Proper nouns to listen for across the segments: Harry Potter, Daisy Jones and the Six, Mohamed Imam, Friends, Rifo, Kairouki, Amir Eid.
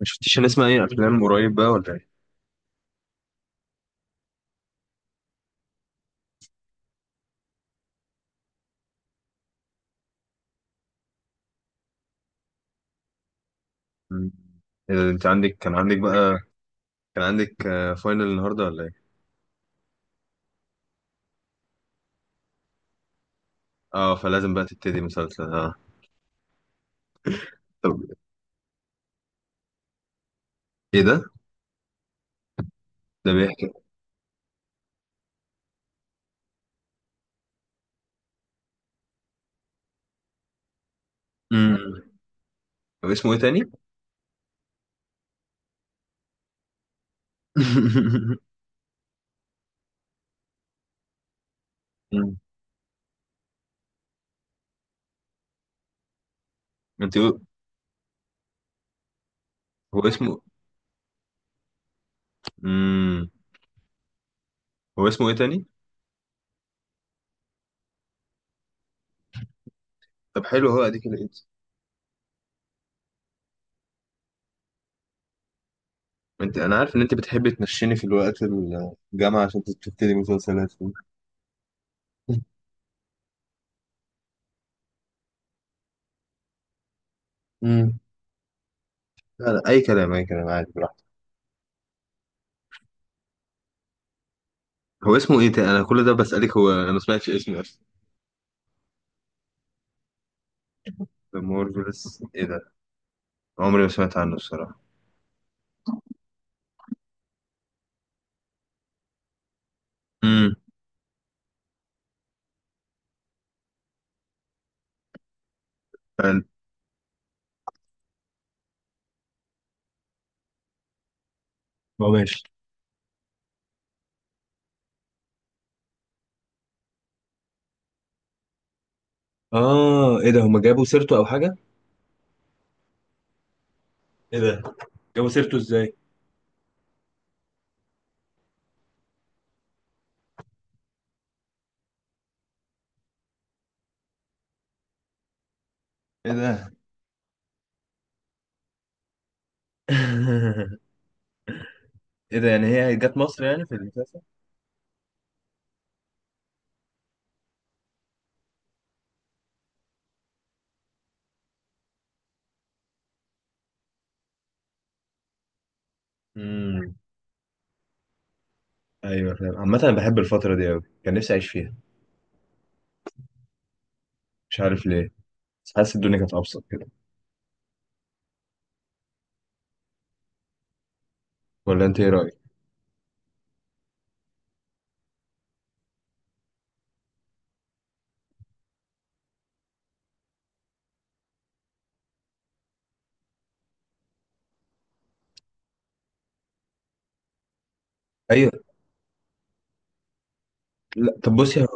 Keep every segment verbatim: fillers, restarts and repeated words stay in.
ما شفتيش نسمع اي افلام قريب بقى ولا ايه؟ مم. إيه ده، انت عندك كان عندك بقى كان عندك آه، فاينل النهارده ولا ايه؟ اه، فلازم بقى تبتدي مسلسل، اه. طب. ايه ده؟ ده بيحكي؟ امم. طب، اسمه ايه تاني؟ مم. انت قو- هو اسمه امم هو اسمه ايه تاني؟ طب حلو، هو اديك لقيت. انت انا عارف ان انت بتحبي تنشيني في الوقت الجامعه عشان تبتدي مسلسلات. امم. لا لا، اي كلام اي كلام، عادي، براحتك. هو اسمه ايه تاني؟ انا كل ده بسالك هو انا ما سمعتش اسمه. ذا مارفلس ايه ده؟ عمري ما سمعت عنه الصراحه. امم. حلو. هو ماشي. اه، ايه ده؟ هما جابوا سيرته او حاجه؟ ايه ده، جابوا سيرته ازاي؟ ايه ده؟ ايه ده، يعني هي جت مصر يعني في المسلسل؟ امم. ايوه فاهم. عامه انا بحب الفتره دي قوي، كان نفسي اعيش فيها. مش عارف ليه. بس حاسس الدنيا كانت ابسط كده. ولا انت ايه رايك؟ ايوه. لا طب بص يا.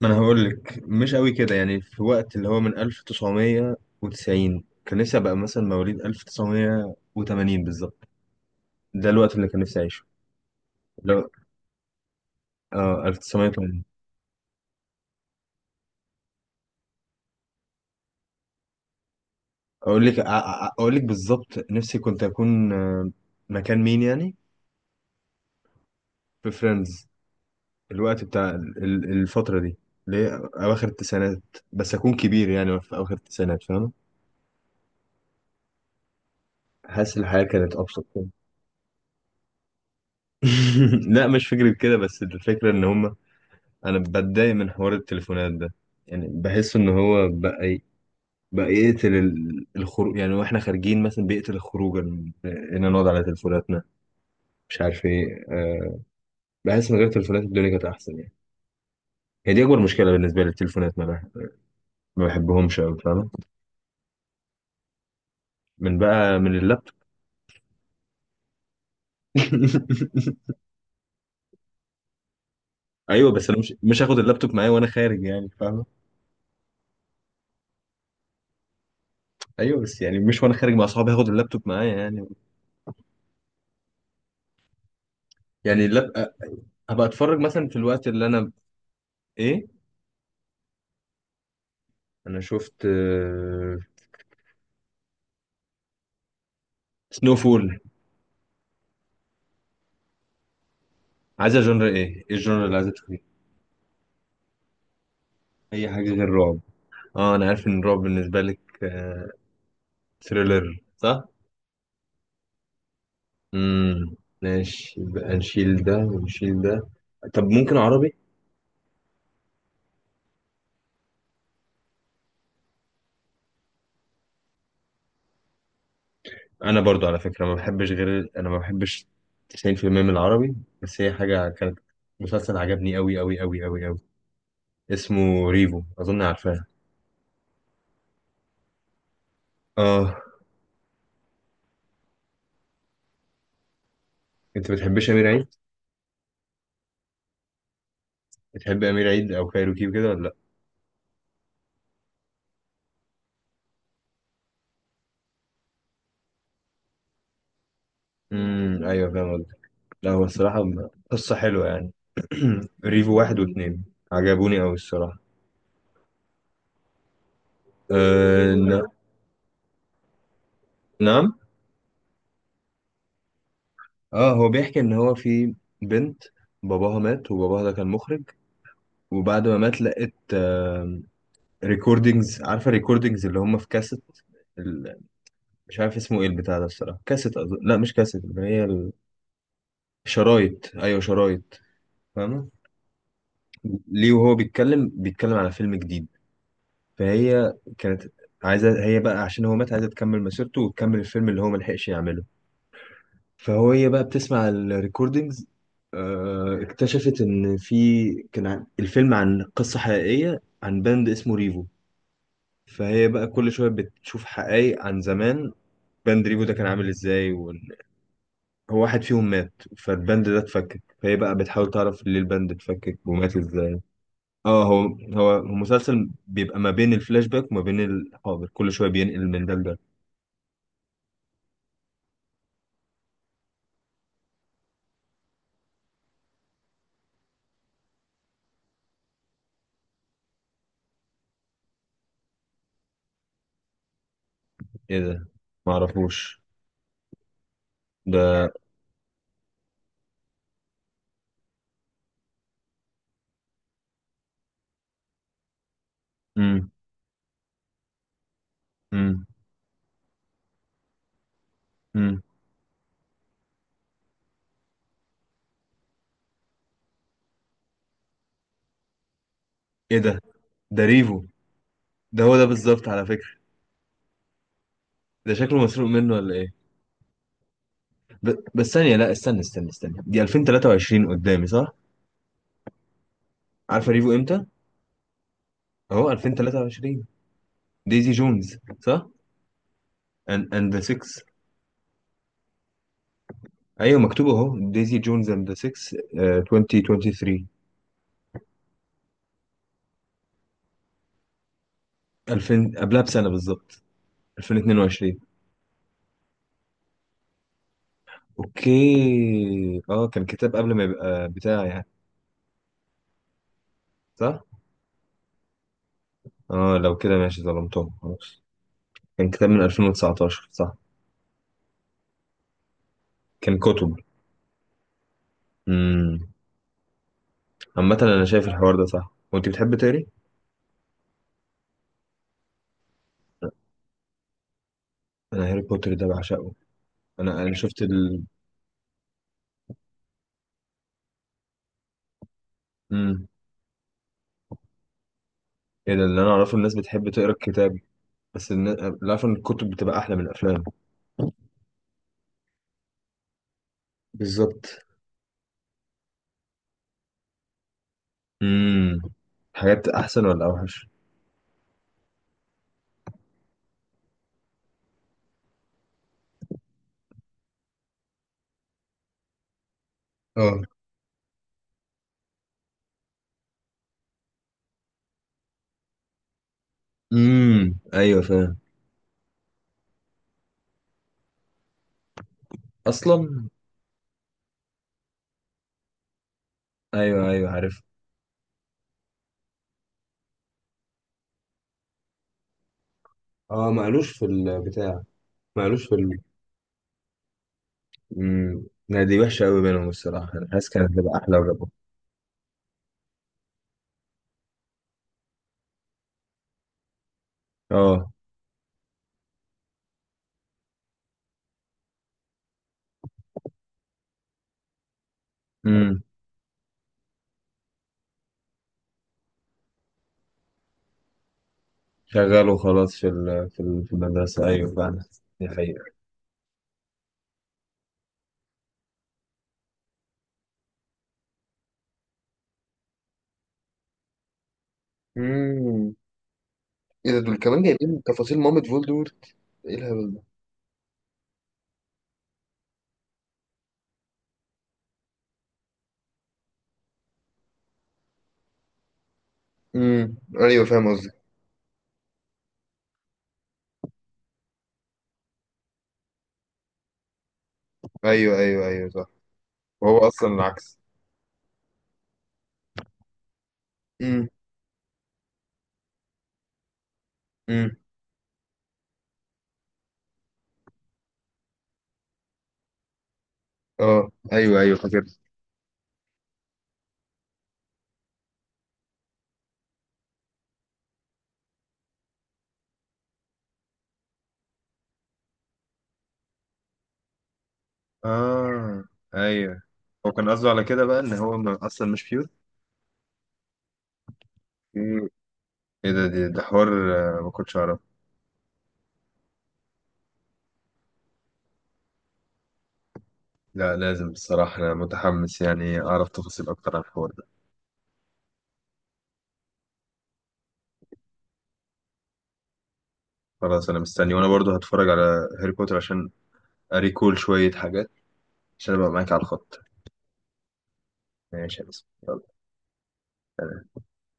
ما انا هقول لك، مش قوي كده يعني. في وقت اللي هو من ألف تسعمية وتسعين، كان نفسي ابقى مثلا مواليد ألف تسعمية وتمانين بالظبط. ده الوقت اللي كان نفسي اعيشه. لو، اه ألف تسعمية وتمانين. اقول لك أ- أ- اقول لك بالظبط نفسي كنت اكون، آه، مكان مين يعني؟ في فريندز. الوقت بتاع ال- ال- الفتره دي، اللي هي اواخر التسعينات. بس اكون كبير، يعني في اواخر التسعينات، فاهم؟ حاسس الحياه كانت ابسط كده. لا مش فكره كده، بس الفكره ان هم، انا بتضايق من حوار التليفونات ده. يعني بحس ان هو بقى ي- بقى يقتل ال- الخروج، يعني واحنا خارجين مثلا بيقتل الخروج ان إن نقعد على تليفوناتنا، مش عارف ايه أه بحس من غير تليفونات الدنيا كانت احسن يعني. هي دي اكبر مشكله بالنسبه لي التليفونات. ما, بح- ما بحبهمش قوي، فاهم. من بقى، من اللابتوب. ايوه بس انا مش مش هاخد اللابتوب معايا وانا خارج يعني، فاهم. ايوه، بس يعني مش وانا خارج مع اصحابي هاخد اللابتوب معايا يعني. يعني اللاب أ- هبقى اتفرج مثلا في الوقت اللي انا. ايه؟ انا شفت سنو فول. عايزه جنر ايه ايه الجنر اللي عايزه تشوفيه؟ اي حاجه غير رعب. اه، انا عارف ان الرعب بالنسبه لك ثريلر، صح. امم. ماشي، يبقى نشيل ده ونشيل ده. طب ممكن عربي؟ انا برضو على فكرة ما بحبش، غير انا ما بحبش تسعين في المية من العربي. بس هي حاجة كانت، مسلسل عجبني قوي قوي قوي قوي قوي، اسمه ريفو، اظن عارفاه. اه. انت بتحبش امير عيد؟ بتحب امير عيد او كايروكي وكده ولا لا؟ امم ايوه فاهم قصدك. لا هو الصراحة م- قصة حلوة يعني. ريفو واحد واتنين، عجبوني قوي الصراحة. أه... ن- نعم. اه هو بيحكي ان هو في بنت، باباها مات، وباباها ده كان مخرج. وبعد ما مات، لقت ريكوردينجز. عارفه ريكوردينجز اللي هم في كاسيت، ال- مش عارف اسمه ايه البتاع ده الصراحه، كاسيت أظن. لا مش كاسيت، اللي هي الشرايط، ايوه شرايط، فاهمه. ليه وهو بيتكلم بيتكلم على فيلم جديد. فهي كانت عايزه هي بقى، عشان هو مات عايزه تكمل مسيرته وتكمل الفيلم اللي هو ملحقش يعمله. فهي بقى بتسمع الريكوردينجز، اكتشفت ان في كان عن- الفيلم عن قصة حقيقية عن باند اسمه ريفو. فهي بقى كل شوية بتشوف حقائق عن زمان، باند ريفو ده كان عامل ازاي، وان هو واحد فيهم مات، فالباند ده اتفكك، فهي بقى بتحاول تعرف ليه الباند اتفكك ومات ازاي. اه، هو هو هو مسلسل بيبقى ما بين الفلاش باك وما بين الحاضر، كل شوية بينقل من ده لده. ايه ده، معرفوش. ده امم، امم، امم. ايه ده، ده ريفو؟ ده هو ده بالظبط على فكرة. ده شكله مسروق منه ولا ايه؟ ب... بس ثانية، لا استنى استنى استنى، دي ألفين وتلاتة وعشرين قدامي، صح؟ عارفة ريفو امتى؟ اهو ألفين وثلاثة وعشرين. ديزي جونز صح، and and the six. ايوه مكتوب اهو ديزي جونز and the six، آه، ألفين وتلاتة وعشرين. 2000 قبلها بسنة بالظبط، ألفين واتنين وعشرين. اوكي، اه كان كتاب قبل ما يبقى بتاع يعني، صح. اه لو كده ماشي، ظلمتهم خلاص. كان كتاب من ألفين وتسعتاشر، صح. كان كتب. مم. عامة أنا شايف الحوار ده صح، وأنت بتحب تقري؟ أنا هاري بوتر ده بعشقه. أنا أنا شفت ال. مم. إيه ده، اللي أنا أعرفه الناس بتحب تقرا الكتاب. بس الن- اللي أعرفه إن الكتب بتبقى أحلى من الأفلام. بالظبط. امم. حاجات أحسن ولا أوحش؟ اه. امم أيوه فاهم. أصلا. أيوه أيوه، عارف. اه ما قالوش في البتاع، ما قالوش في ال. امم. لا دي وحشة أوي بينهم الصراحة، أنا حاسس كانت هتبقى أحلى. وجابوا، اه. امم. شغال وخلاص في ال... في ال... في المدرسة، أيوه فعلا. دي حقيقة. امم. ايه ده، دول كمان جايبين تفاصيل مامة فولدورت؟ ايه الهبل ده! امم ايوه فاهم قصدك. ايوه ايوه ايوه، صح. وهو اصلا العكس. امم. امم. اه ايوه ايوه، فاكر. اه ايوه. هو كان قصده على كده بقى ان هو م- اصلا مش بيور. مم. ايه ده، دي- ده حوار، آه، ما كنتش اعرف. لا لازم بصراحة، أنا متحمس يعني أعرف تفاصيل أكتر عن الحوار ده. خلاص أنا مستني، وأنا برضو هتفرج على هاري بوتر عشان أريكول شوية حاجات، عشان أبقى معاك على الخط. ماشي يا باسم. يلا.